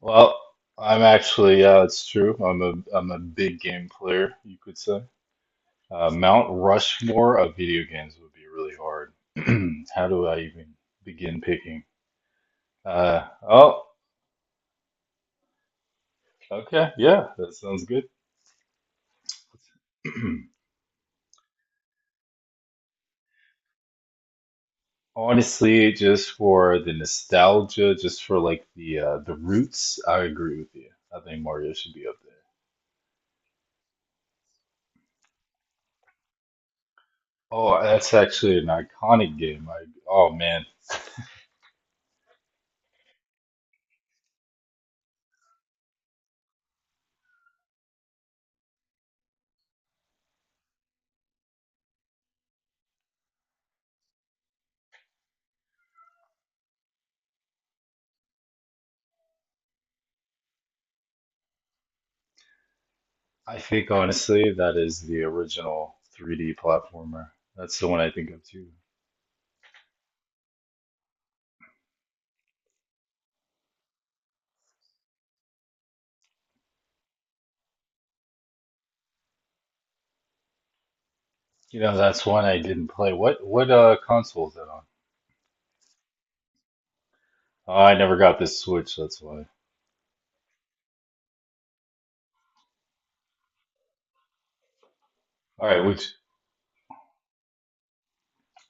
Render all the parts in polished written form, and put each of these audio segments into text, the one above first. Well, it's true. I'm a big game player, you could say. Mount Rushmore of video games would be really hard. How do I even begin picking? Uh, oh, okay, yeah, that sounds good. Honestly, just for the nostalgia, just for like the roots, I agree with you. I think Mario should be up there. Oh, that's actually an iconic game. Oh man. I think honestly that is the original 3D platformer. That's the one I think of too. You know, that's one I didn't play. What console is that on? Oh, I never got this Switch, that's why. All right, which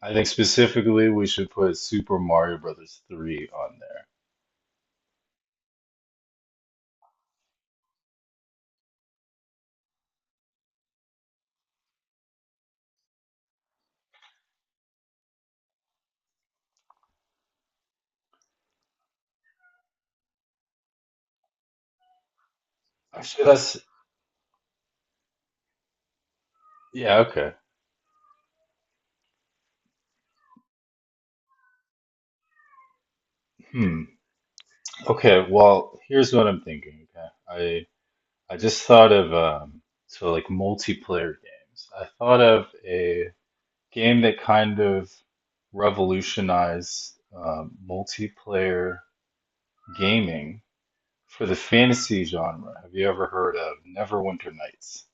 I think specifically we should put Super Mario Brothers 3 on there. Actually, that's Yeah, okay. Hmm. Okay, well, here's what I'm thinking, okay? I just thought of so like multiplayer games. I thought of a game that kind of revolutionized multiplayer gaming for the fantasy genre. Have you ever heard of Neverwinter Nights?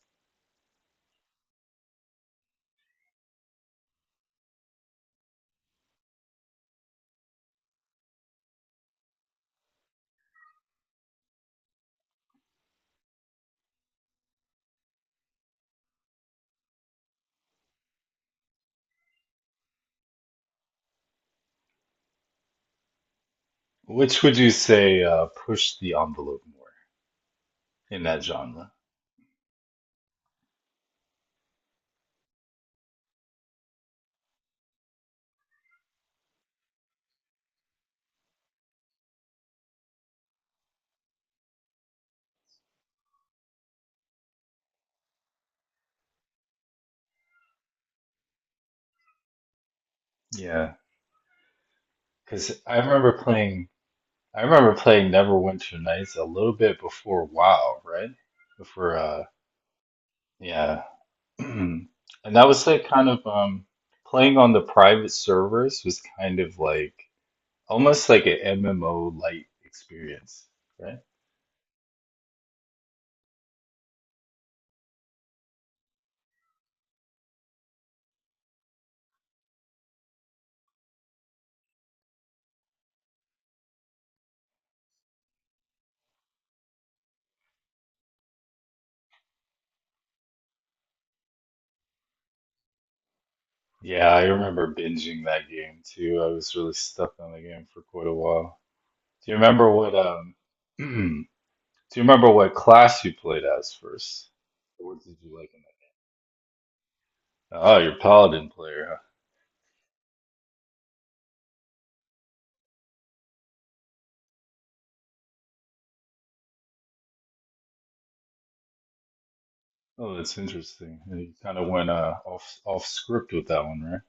Which would you say pushed the envelope more in that genre? Yeah, because I remember playing. I remember playing Neverwinter Nights a little bit before WoW, right? Before, uh, yeah, and that was like playing on the private servers was kind of like almost like an MMO light experience, right? Yeah, I remember binging that game too. I was really stuck on the game for quite a while. Do you remember what do you remember what class you played as first? Or what did you like in that? Oh, you're Paladin player, huh? Oh, that's interesting. You kind of went off script with that one, right?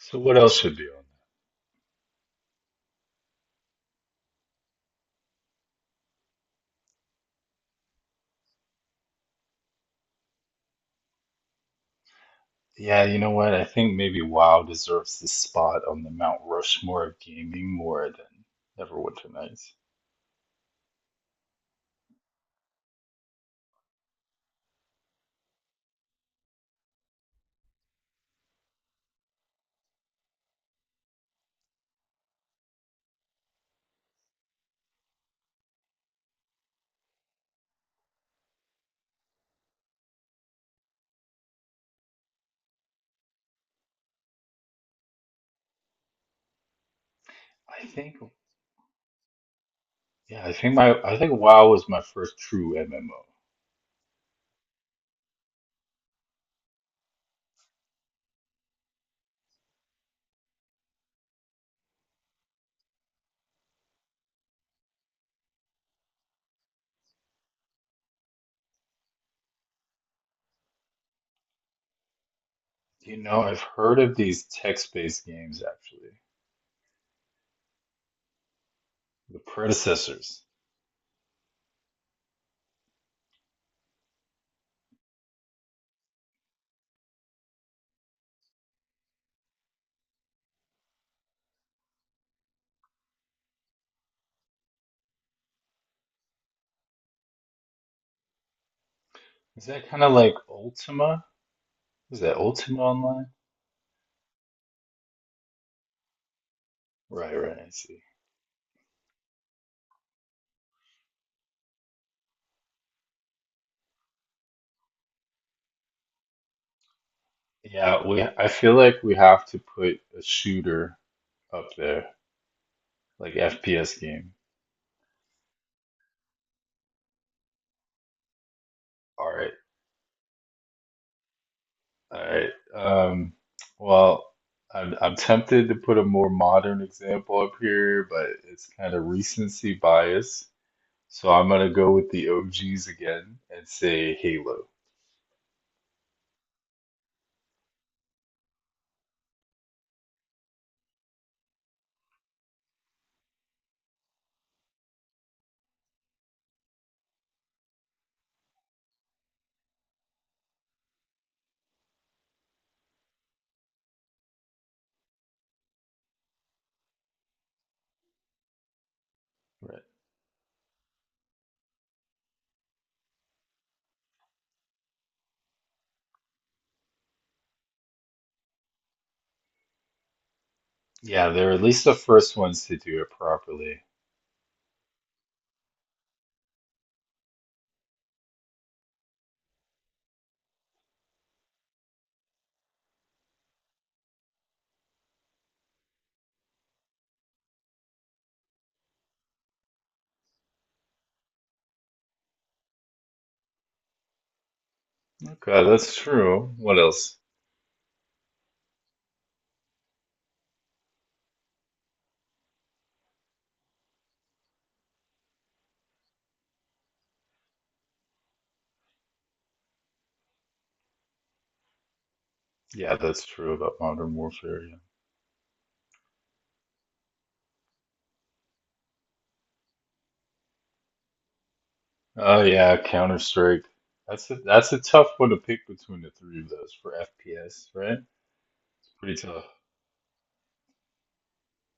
So what else should be on that? Yeah, you know what? I think maybe WoW deserves the spot on the Mount Rushmore of gaming more than Neverwinter Nights. I think, yeah, I think WoW was my first true MMO. You know, I've heard of these text-based games actually, the predecessors. Is that kind of like Ultima? Is that Ultima Online? Right, right, I see. I feel like we have to put a shooter up there, like FPS game. All right, all right. Well, I'm tempted to put a more modern example up here, but it's kind of recency bias. So I'm gonna go with the OGs again and say Halo. Right. Yeah, they're at least the first ones to do it properly. Okay, that's true. What else? Yeah, that's true about Modern Warfare. Yeah. Oh yeah, Counter Strike. That's a tough one to pick between the three of those for FPS, right? It's pretty tough.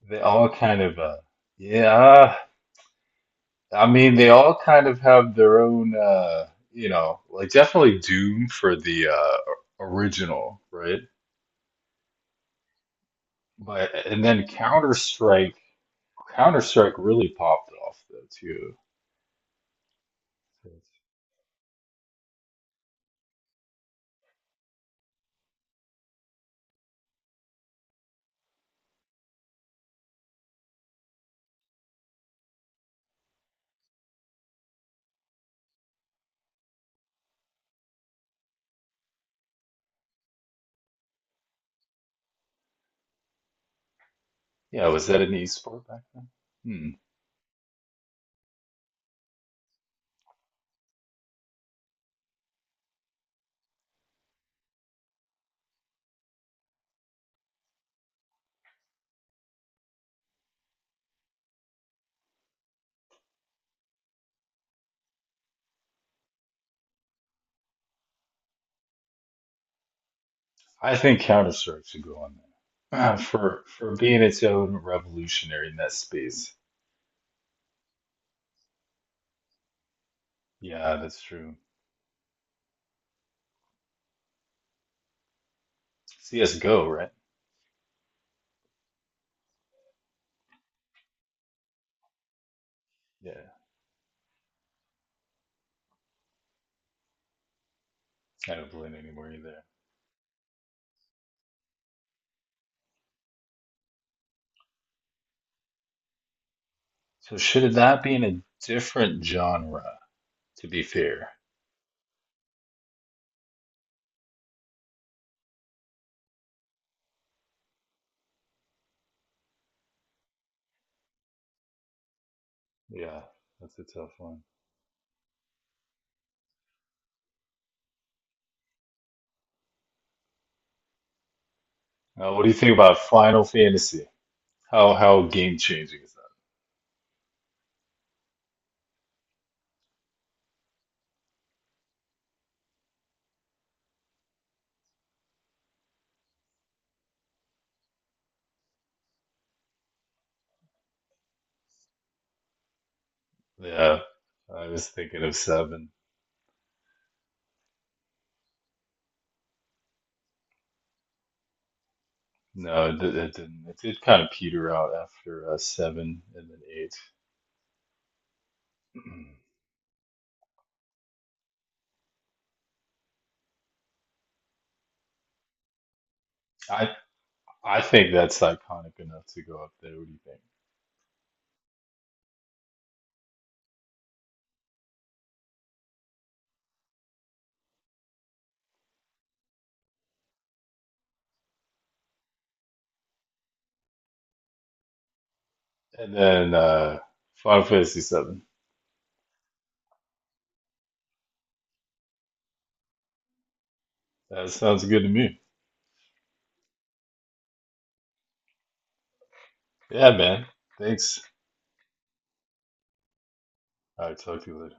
They all kind of, yeah, I mean they all kind of have their own, you know, like definitely Doom for the original, right? But and then Counter Strike, Counter Strike really popped off though too. Yeah, was that an esport back then? Hmm. I think Counter Strike should go on there. Ah, for being its own revolutionary in that space. Yeah, that's true. CS:GO, right? Yeah, I don't play it anymore either. So should that be in a different genre? To be fair. Yeah, that's a tough one. What do you think about Final Fantasy? How game changing? Yeah, I was thinking of 7. No, it didn't. It did kind of peter out after 7 and then 8. I I think that's iconic enough to go up there. What do you think? And then Final Fantasy 7. That sounds good to me. Yeah, man. Thanks. All right, talk to you later.